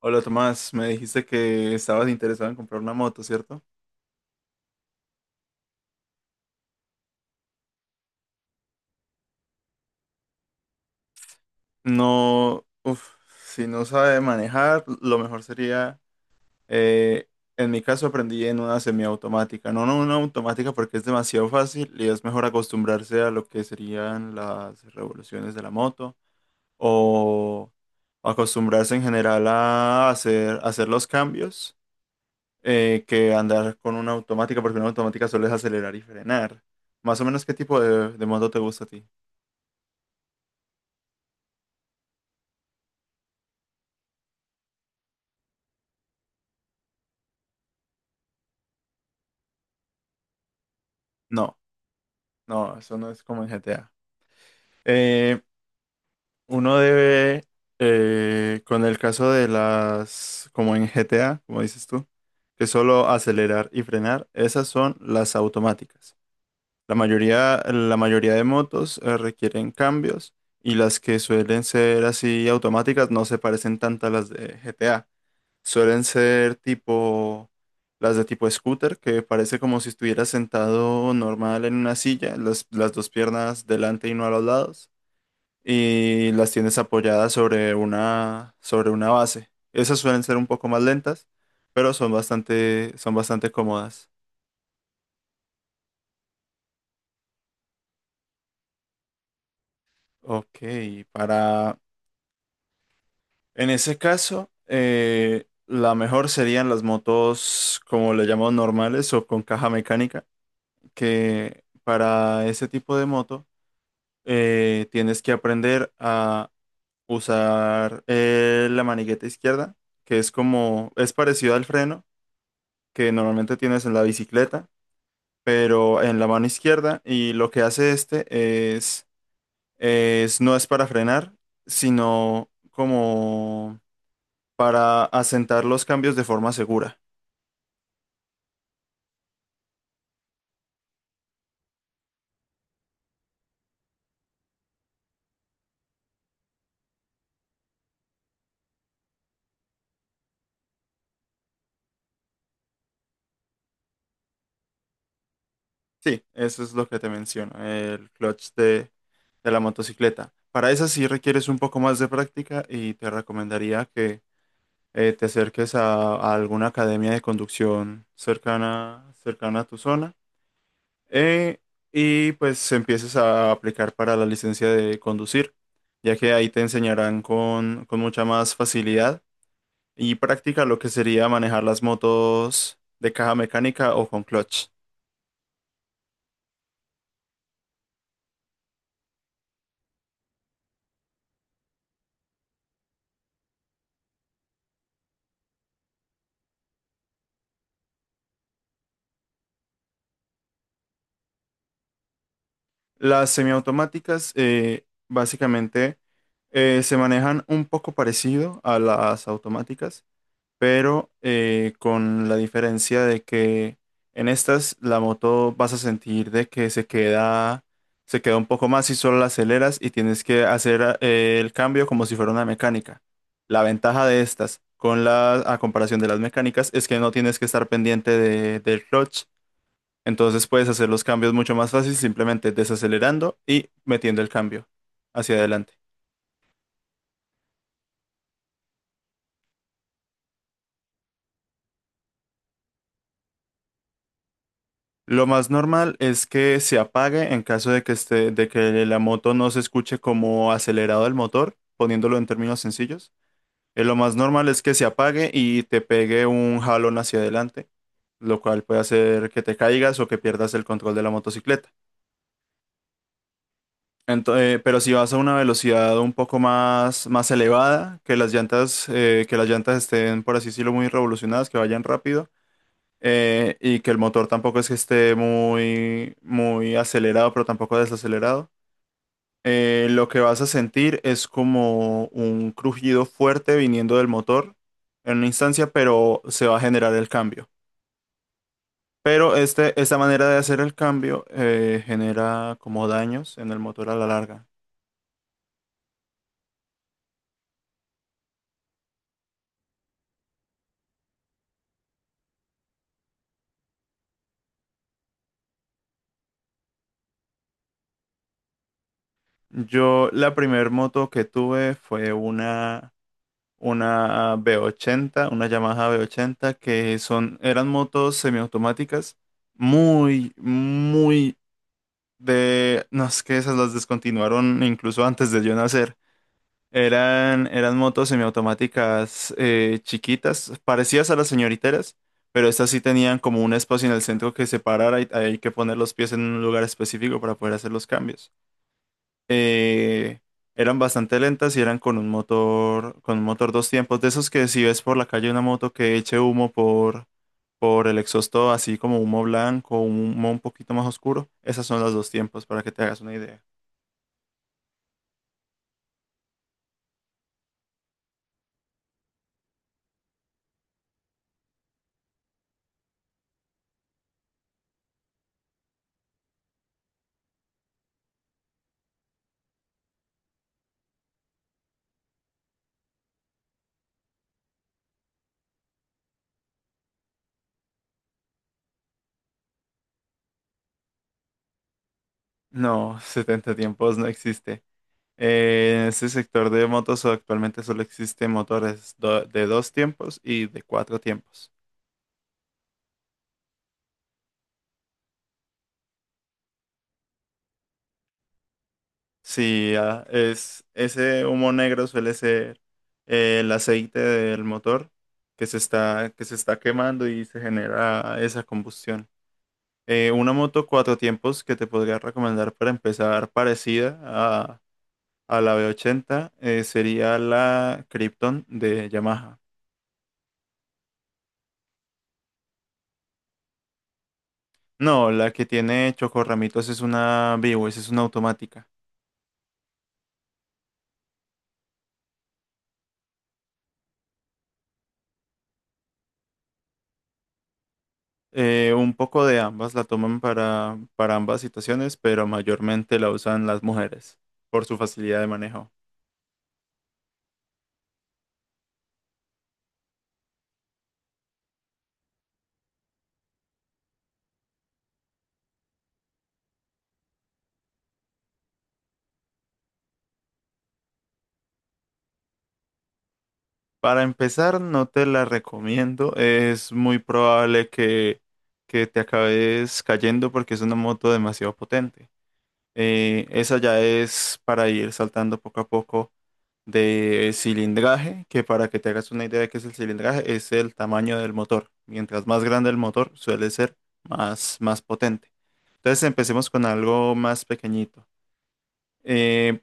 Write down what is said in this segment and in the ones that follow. Hola Tomás, me dijiste que estabas interesado en comprar una moto, ¿cierto? No, uf, si no sabe manejar, lo mejor sería, eh, en mi caso aprendí en una semiautomática, no, no, una automática porque es demasiado fácil y es mejor acostumbrarse a lo que serían las revoluciones de la moto o acostumbrarse en general a hacer los cambios que andar con una automática porque una automática suele acelerar y frenar. Más o menos, ¿qué tipo de moto te gusta a ti? No, no, eso no es como en GTA. Eh, Uno debe, con el caso de las, como en GTA, como dices tú, que solo acelerar y frenar, esas son las automáticas. La mayoría de motos, requieren cambios y las que suelen ser así automáticas no se parecen tanto a las de GTA. Suelen ser tipo las de tipo scooter, que parece como si estuviera sentado normal en una silla, las dos piernas delante y no a los lados, y las tienes apoyadas sobre una base. Esas suelen ser un poco más lentas, pero son bastante cómodas. Ok, para... en ese caso, la mejor serían las motos, como le llamamos normales o con caja mecánica, que para ese tipo de moto tienes que aprender a usar la manigueta izquierda, que es parecido al freno que normalmente tienes en la bicicleta, pero en la mano izquierda. Y lo que hace este es, es no es para frenar, sino como para asentar los cambios de forma segura. Sí, eso es lo que te menciono, el clutch de la motocicleta. Para esa sí requieres un poco más de práctica y te recomendaría que te acerques a alguna academia de conducción cercana a tu zona eh, y pues empieces a aplicar para la licencia de conducir, ya que ahí te enseñarán con mucha más facilidad y práctica lo que sería manejar las motos de caja mecánica o con clutch. Las semiautomáticas básicamente se manejan un poco parecido a las automáticas pero con la diferencia de que en estas la moto vas a sentir de que se queda un poco más y solo la aceleras y tienes que hacer el cambio como si fuera una mecánica. La ventaja de estas con a comparación de las mecánicas es que no tienes que estar pendiente del clutch, entonces puedes hacer los cambios mucho más fácil simplemente desacelerando y metiendo el cambio hacia adelante. Lo más normal es que se apague en caso de que la moto no se escuche como acelerado el motor, poniéndolo en términos sencillos. Lo más normal es que se apague y te pegue un jalón hacia adelante, lo cual puede hacer que te caigas o que pierdas el control de la motocicleta. Pero si vas a una velocidad un poco más elevada, que las llantas, estén, por así decirlo, muy revolucionadas, que vayan rápido. Y que el motor tampoco es que esté muy, muy acelerado, pero tampoco desacelerado. Lo que vas a sentir es como un crujido fuerte viniendo del motor en una instancia, pero se va a generar el cambio. Pero esta manera de hacer el cambio genera como daños en el motor a la larga. Yo la primer moto que tuve fue una B80, una Yamaha B80, que eran motos semiautomáticas, muy, muy no es que esas las descontinuaron incluso antes de yo nacer. Eran motos semiautomáticas chiquitas, parecidas a las señoriteras, pero estas sí tenían como un espacio en el centro que separara y hay que poner los pies en un lugar específico para poder hacer los cambios eh, Eran bastante lentas y eran con un motor dos tiempos, de esos que si ves por la calle una moto que eche humo por el exhausto, así como humo blanco, humo un poquito más oscuro, esas son las dos tiempos, para que te hagas una idea. No, 70 tiempos no existe. En este sector de motos actualmente solo existen motores de dos tiempos y de cuatro tiempos. Sí, ah, ese humo negro suele ser el aceite del motor que se está quemando y se genera esa combustión. Una moto cuatro tiempos que te podría recomendar para empezar parecida a la V80 sería la Krypton de Yamaha. No, la que tiene chocorramitos es una V-Ways, es una automática. Un poco de ambas la toman para ambas situaciones, pero mayormente la usan las mujeres por su facilidad de manejo. Para empezar, no te la recomiendo. Es muy probable que te acabes cayendo porque es una moto demasiado potente. Esa ya es para ir saltando poco a poco de cilindraje, que para que te hagas una idea de qué es el cilindraje, es el tamaño del motor. Mientras más grande el motor, suele ser más, más potente. Entonces empecemos con algo más pequeñito. Eh,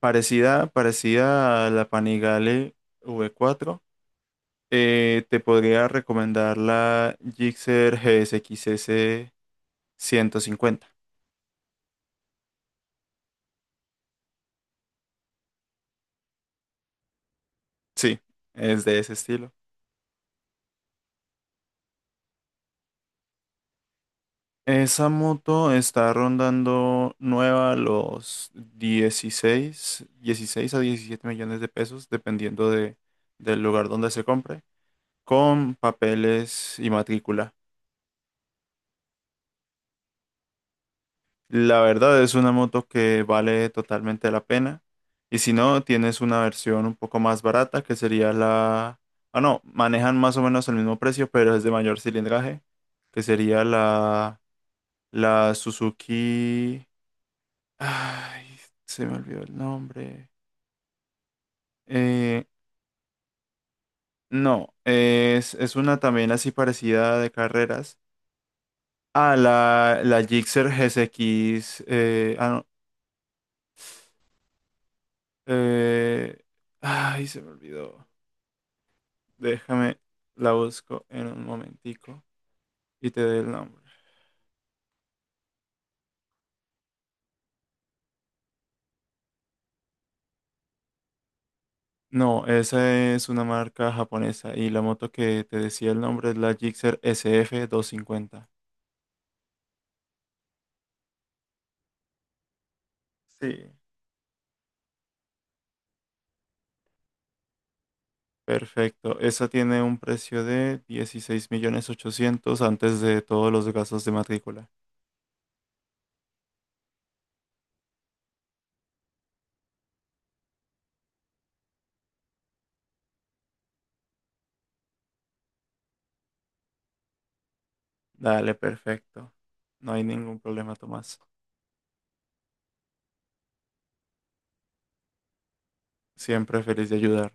parecida a la Panigale V4, te podría recomendar la Gixxer GSX-S 150. Sí, es de ese estilo. Esa moto está rondando nueva los dieciséis a 17 millones de pesos, dependiendo del lugar donde se compre, con papeles y matrícula. La verdad es una moto que vale totalmente la pena. Y si no, tienes una versión un poco más barata, que sería ah, no, manejan más o menos el mismo precio, pero es de mayor cilindraje, que sería la Suzuki. Ay, se me olvidó el nombre. Eh, no, es una también así parecida de carreras. Ah, la Gixxer GSX. Ah, no. eh, Ay, se me olvidó. Déjame, la busco en un momentico y te doy el nombre. No, esa es una marca japonesa y la moto que te decía el nombre es la Gixxer SF 50. Sí. Perfecto. Esa tiene un precio de 16 millones 800 antes de todos los gastos de matrícula. Dale, perfecto. No hay ningún problema, Tomás. Siempre feliz de ayudar.